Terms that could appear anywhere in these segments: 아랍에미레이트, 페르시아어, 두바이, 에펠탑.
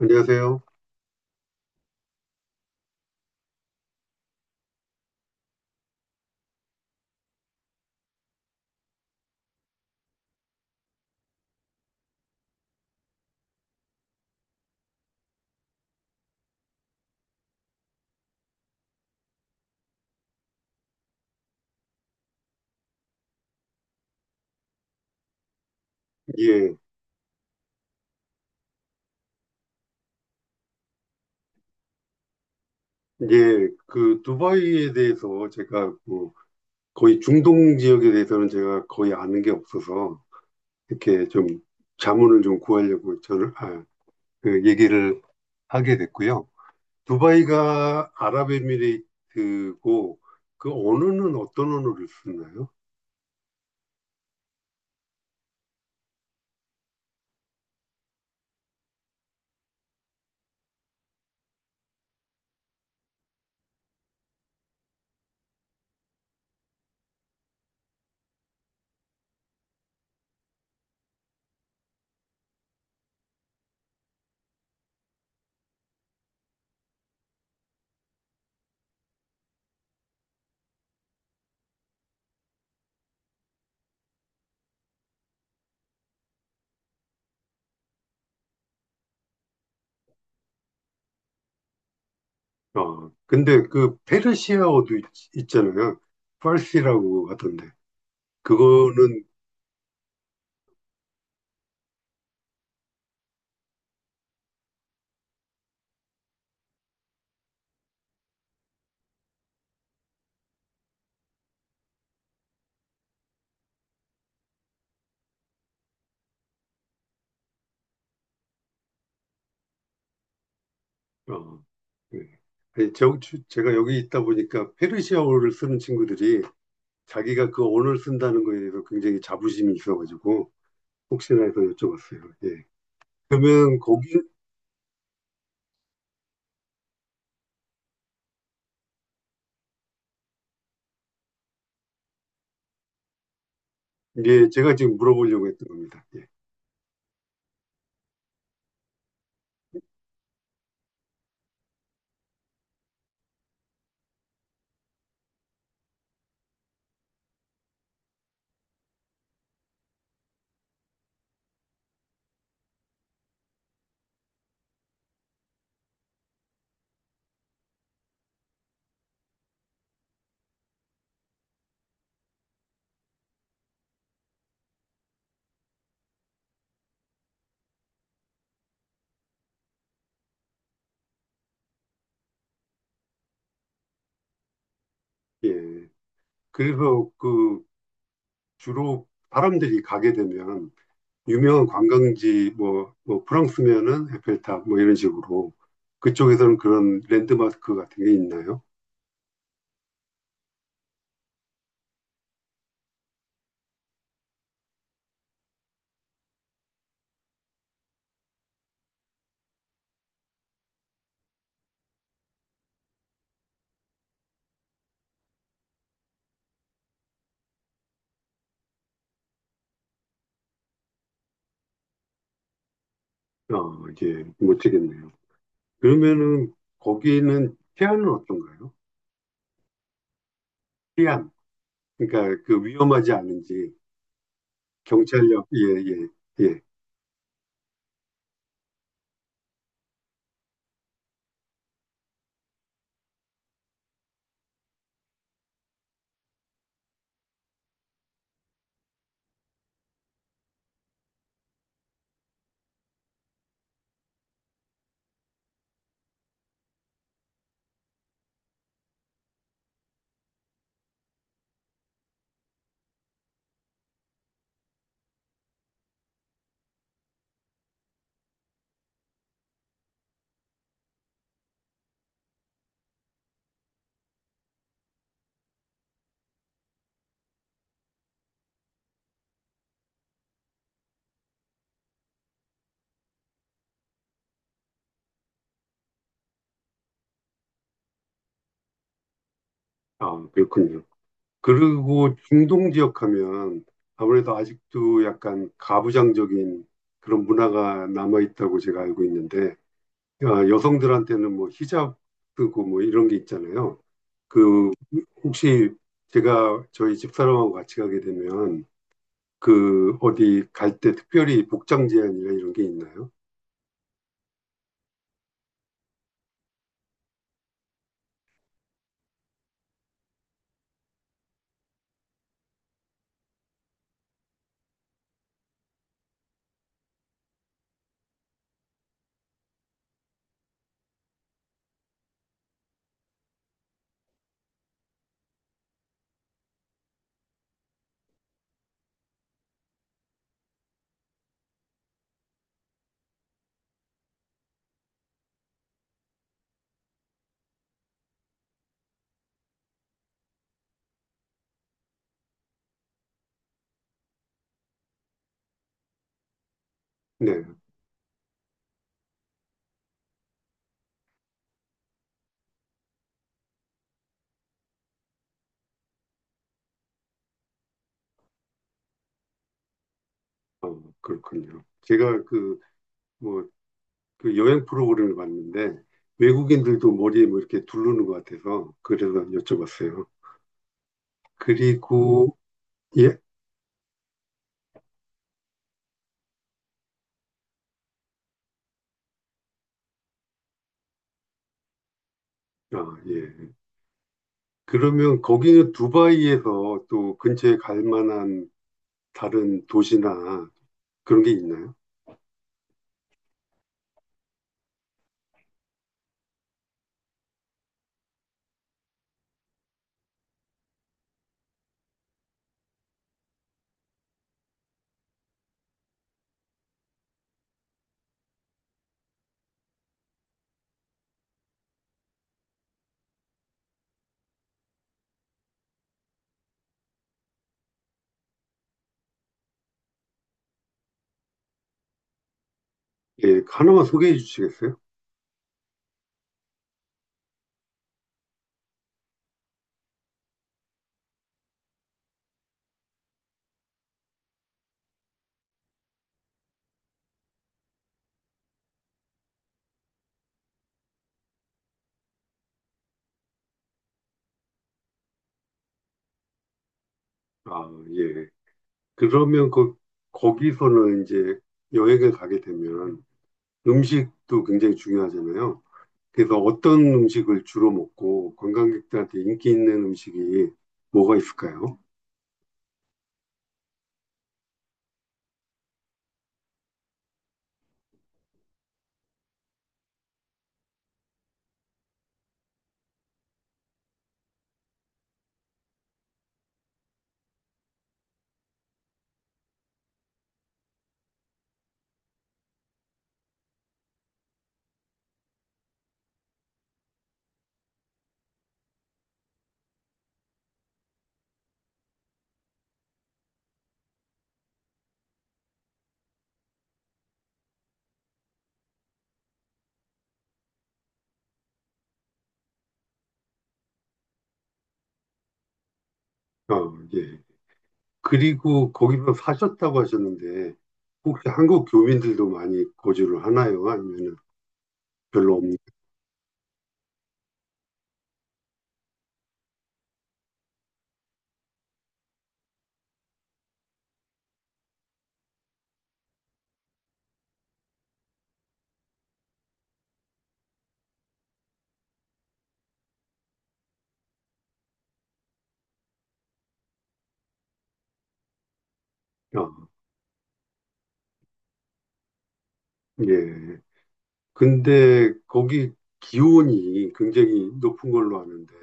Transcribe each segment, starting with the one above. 안녕하세요. 예, 예, 그 두바이에 대해서 제가 뭐 거의 중동 지역에 대해서는 제가 거의 아는 게 없어서 이렇게 좀 자문을 좀 구하려고 저를 그 얘기를 하게 됐고요. 두바이가 아랍에미레이트고 그 언어는 어떤 언어를 쓰나요? 아, 근데 그 페르시아어도 있, 잖아요. 파르시라고 하던데 그거는 어, 네. 아니, 저, 제가 여기 있다 보니까 페르시아어를 쓰는 친구들이 자기가 그 언어를 쓴다는 거에 대해서 굉장히 자부심이 있어가지고 혹시나 해서 여쭤봤어요. 예. 그러면 거기, 예, 제가 지금 물어보려고 했던 겁니다. 예. 예. 그래서 그 주로 사람들이 가게 되면 유명한 관광지 뭐, 뭐 프랑스면은 에펠탑 뭐 이런 식으로 그쪽에서는 그런 랜드마크 같은 게 있나요? 어, 예, 못 되겠네요. 그러면은 거기는 태안은 어떤가요? 태안. 그러니까 그 위험하지 않은지 경찰력 예예 예, 예. 아, 그렇군요. 그리고 중동 지역 하면 아무래도 아직도 약간 가부장적인 그런 문화가 남아 있다고 제가 알고 있는데 아, 여성들한테는 뭐 히잡 쓰고 뭐 이런 게 있잖아요. 그 혹시 제가 저희 집사람하고 같이 가게 되면 그 어디 갈 때 특별히 복장 제한이나 이런 게 있나요? 네. 아, 그렇군요. 제가 그, 뭐, 그 여행 프로그램을 봤는데, 외국인들도 머리에 뭐 이렇게 두르는 것 같아서, 그래서 여쭤봤어요. 음. 그리고, 예? 아, 예. 그러면 거기는 두바이에서 또 근처에 갈 만한 다른 도시나 그런 게 있나요? 예, 하나만 소개해 주시겠어요? 아, 예. 그러면 그, 거기서는 이제 여행을 가게 되면 음식도 굉장히 중요하잖아요. 그래서 어떤 음식을 주로 먹고 관광객들한테 인기 있는 음식이 뭐가 있을까요? 어, 예. 그리고 거기서 사셨다고 하셨는데 혹시 한국 교민들도 많이 거주를 하나요? 아니면 별로 없나요? 어, 예. 근데 거기 기온이 굉장히 높은 걸로 아는데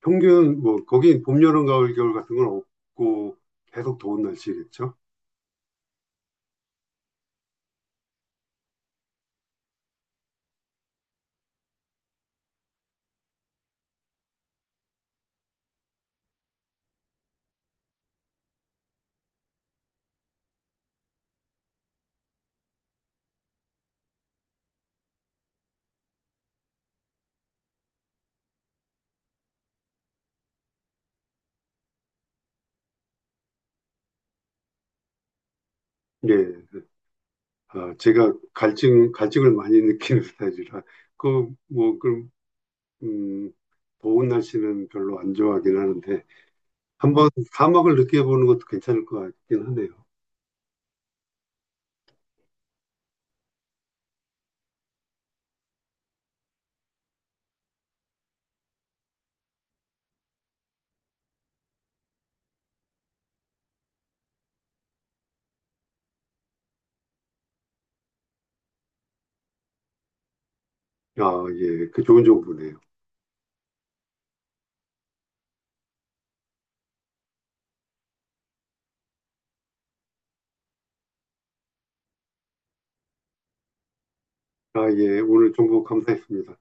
평균 뭐 거긴 봄, 여름, 가을, 겨울 같은 건 없고 계속 더운 날씨겠죠? 예. 아, 제가 갈증을 많이 느끼는 스타일이라, 그, 뭐, 그, 음, 더운 날씨는 별로 안 좋아하긴 하는데, 한번 사막을 느껴보는 것도 괜찮을 것 같긴 하네요. 아, 예, 그 좋은 정보네요. 아, 예, 오늘 정보 감사했습니다.